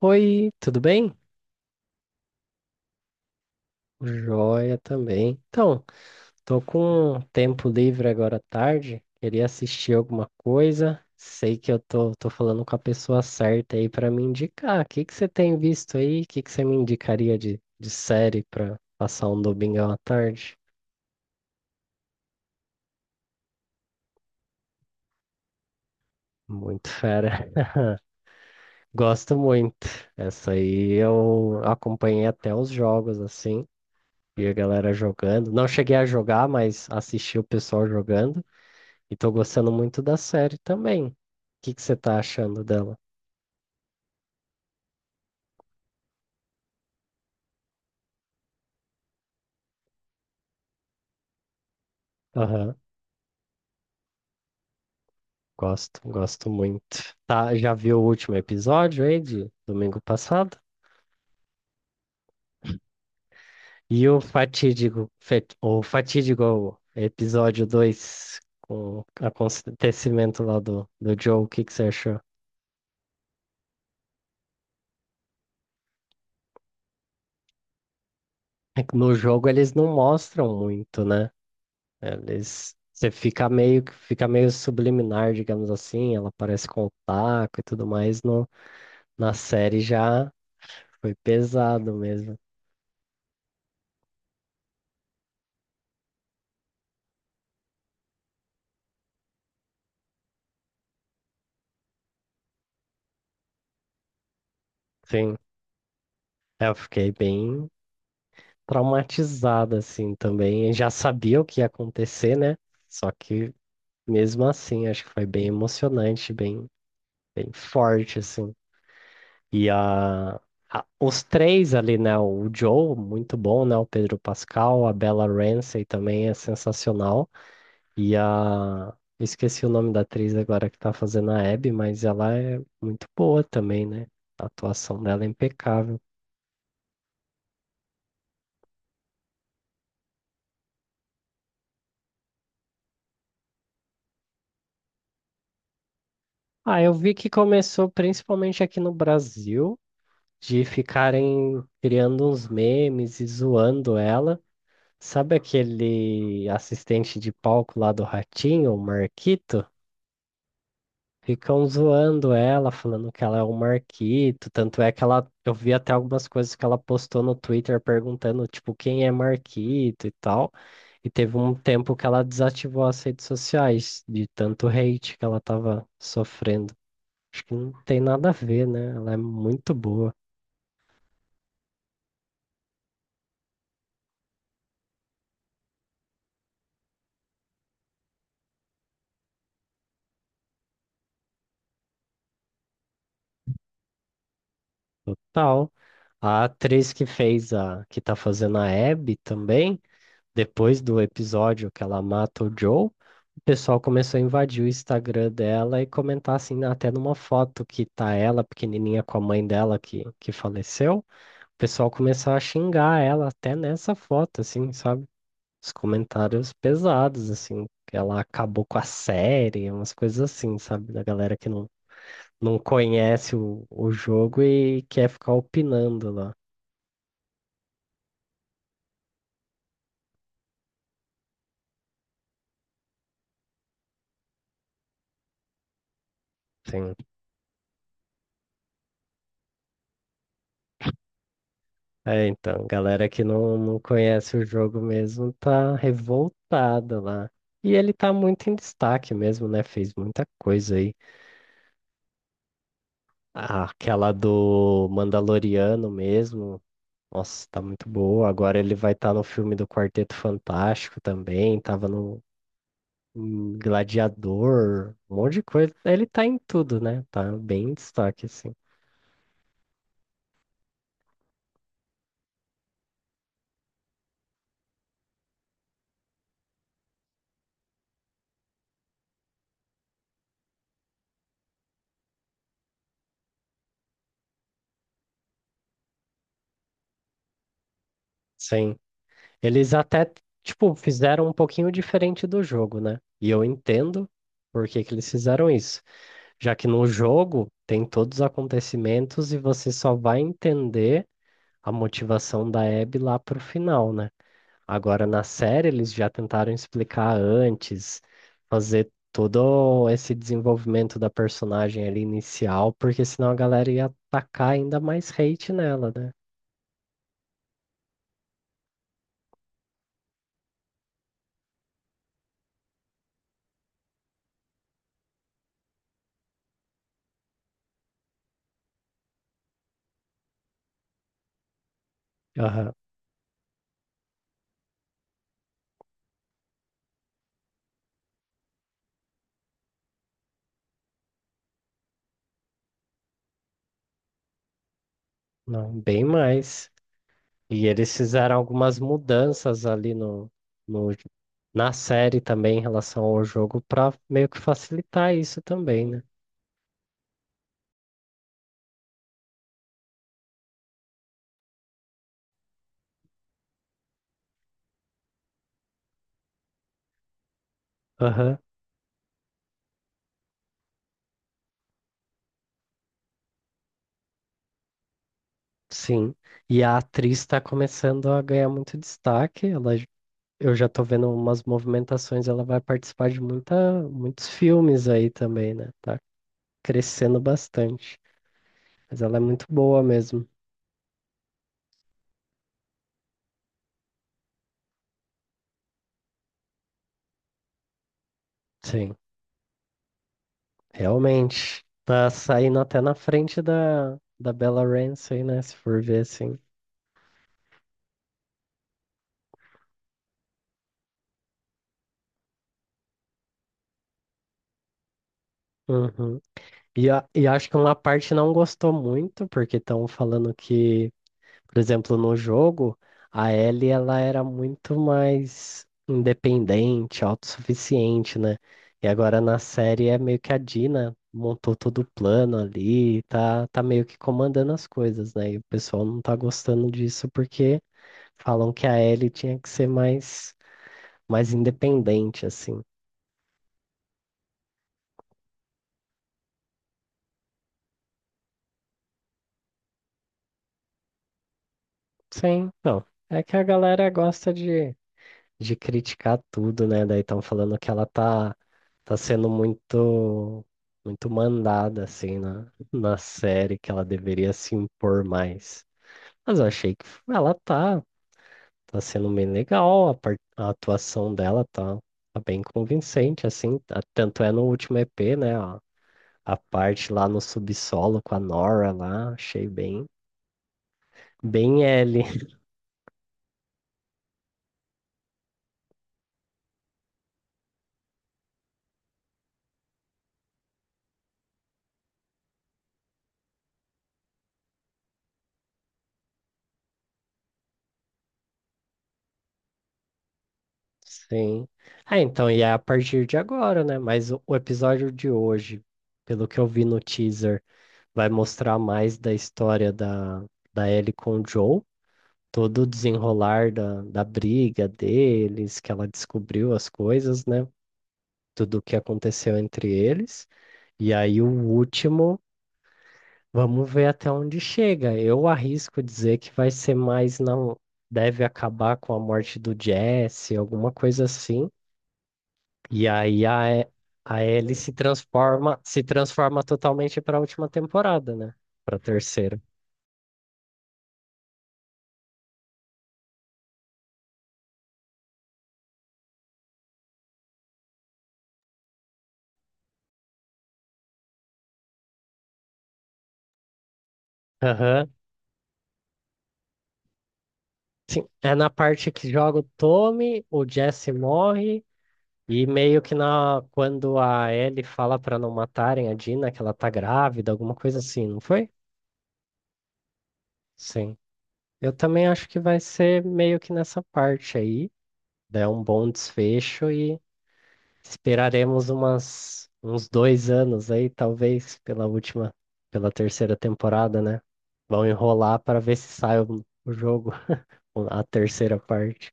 Oi, tudo bem? Joia também. Então, tô com um tempo livre agora à tarde, queria assistir alguma coisa. Sei que eu tô falando com a pessoa certa aí pra me indicar. O que que você tem visto aí? O que que você me indicaria de série pra passar um domingão à tarde? Muito fera. Gosto muito. Essa aí eu acompanhei até os jogos, assim. Vi a galera jogando. Não cheguei a jogar, mas assisti o pessoal jogando. E tô gostando muito da série também. O que que você tá achando dela? Aham, gosto, gosto muito. Tá, já viu o último episódio aí de domingo passado? E o fatídico episódio 2 com o acontecimento lá do Joe, o que que você achou? É que no jogo eles não mostram muito, né? Eles, você fica meio subliminar, digamos assim, ela aparece com o taco e tudo mais, no, na série já foi pesado mesmo. Sim, é, eu fiquei bem traumatizado assim também. Eu já sabia o que ia acontecer, né? Só que mesmo assim, acho que foi bem emocionante, bem, bem forte assim. E os três ali, né? O Joe, muito bom, né? O Pedro Pascal, a Bella Ramsey também é sensacional. E a Esqueci o nome da atriz agora que tá fazendo a Abby, mas ela é muito boa também, né? A atuação dela é impecável. Ah, eu vi que começou principalmente aqui no Brasil, de ficarem criando uns memes e zoando ela. Sabe aquele assistente de palco lá do Ratinho, o Marquito? Ficam zoando ela, falando que ela é o Marquito. Tanto é que ela, eu vi até algumas coisas que ela postou no Twitter perguntando, tipo, quem é Marquito e tal. E teve um tempo que ela desativou as redes sociais de tanto hate que ela tava sofrendo. Acho que não tem nada a ver, né? Ela é muito boa, total. A atriz que fez a, que tá fazendo a Abby também, depois do episódio que ela mata o Joe, o pessoal começou a invadir o Instagram dela e comentar assim, até numa foto que tá ela pequenininha com a mãe dela que faleceu, o pessoal começou a xingar ela até nessa foto, assim, sabe? Os comentários pesados, assim, que ela acabou com a série, umas coisas assim, sabe? Da galera que não conhece o jogo e quer ficar opinando lá. Sim. É, então, galera que não conhece o jogo mesmo tá revoltada lá. E ele tá muito em destaque mesmo, né? Fez muita coisa aí. Ah, aquela do Mandaloriano mesmo. Nossa, tá muito boa. Agora ele vai estar no filme do Quarteto Fantástico também. Tava no em Gladiador, um monte de coisa. Ele tá em tudo, né? Tá bem em destaque, assim. Sim. Eles até, tipo, fizeram um pouquinho diferente do jogo, né? E eu entendo por que que eles fizeram isso. Já que no jogo tem todos os acontecimentos e você só vai entender a motivação da Abby lá pro final, né? Agora na série eles já tentaram explicar antes, fazer todo esse desenvolvimento da personagem ali inicial, porque senão a galera ia atacar ainda mais hate nela, né? Aham. Não, bem mais. E eles fizeram algumas mudanças ali no, no, na série também em relação ao jogo para meio que facilitar isso também, né? Aham, sim. E a atriz está começando a ganhar muito destaque. Eu já tô vendo umas movimentações, ela vai participar de muita, muitos filmes aí também, né? Tá crescendo bastante. Mas ela é muito boa mesmo. Sim, realmente. Tá saindo até na frente da Bella Ramsey, né? Se for ver assim. Uhum. E acho que uma parte não gostou muito, porque estão falando que, por exemplo, no jogo, a Ellie ela era muito mais independente, autossuficiente, né? E agora na série é meio que a Dina montou todo o plano ali, tá, tá meio que comandando as coisas, né? E o pessoal não tá gostando disso porque falam que a Ellie tinha que ser mais, mais independente, assim. Sim, não. É que a galera gosta de criticar tudo, né? Daí estão falando que ela tá sendo muito, muito mandada, assim, na série, que ela deveria se impor mais. Mas eu achei que ela tá sendo bem legal, a, a atuação dela tá bem convincente, assim. Tanto é no último EP, né? A parte lá no subsolo com a Nora lá, achei bem, bem L. Sim. Ah, então, e é a partir de agora, né? Mas o episódio de hoje, pelo que eu vi no teaser, vai mostrar mais da história da Ellie com o Joe, todo o desenrolar da briga deles, que ela descobriu as coisas, né? Tudo o que aconteceu entre eles. E aí o último, vamos ver até onde chega. Eu arrisco dizer que vai ser mais, não, deve acabar com a morte do Jesse, alguma coisa assim. E aí a, E- a Ellie se transforma, se transforma totalmente para a última temporada, né? Para terceira. Aham. Sim, é na parte que joga o Tommy, o Jesse morre e meio que na quando a Ellie fala para não matarem a Dina que ela tá grávida, alguma coisa assim, não foi? Sim. Eu também acho que vai ser meio que nessa parte aí, dá um bom desfecho. Esperaremos uns 2 anos aí, talvez, pela última, pela terceira temporada, né? Vão enrolar para ver se sai o jogo, a terceira parte.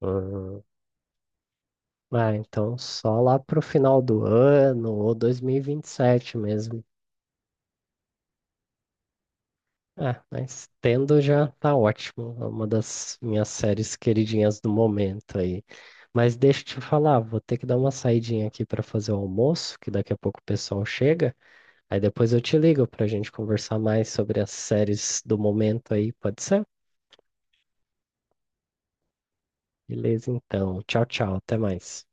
Uhum. Ah, então só lá pro final do ano ou dois mil e vinte e sete mesmo. É, mas tendo já tá ótimo. É uma das minhas séries queridinhas do momento aí. Mas deixa eu te falar, vou ter que dar uma saidinha aqui para fazer o almoço, que daqui a pouco o pessoal chega. Aí depois eu te ligo pra gente conversar mais sobre as séries do momento aí, pode ser? Beleza, então. Tchau, tchau. Até mais.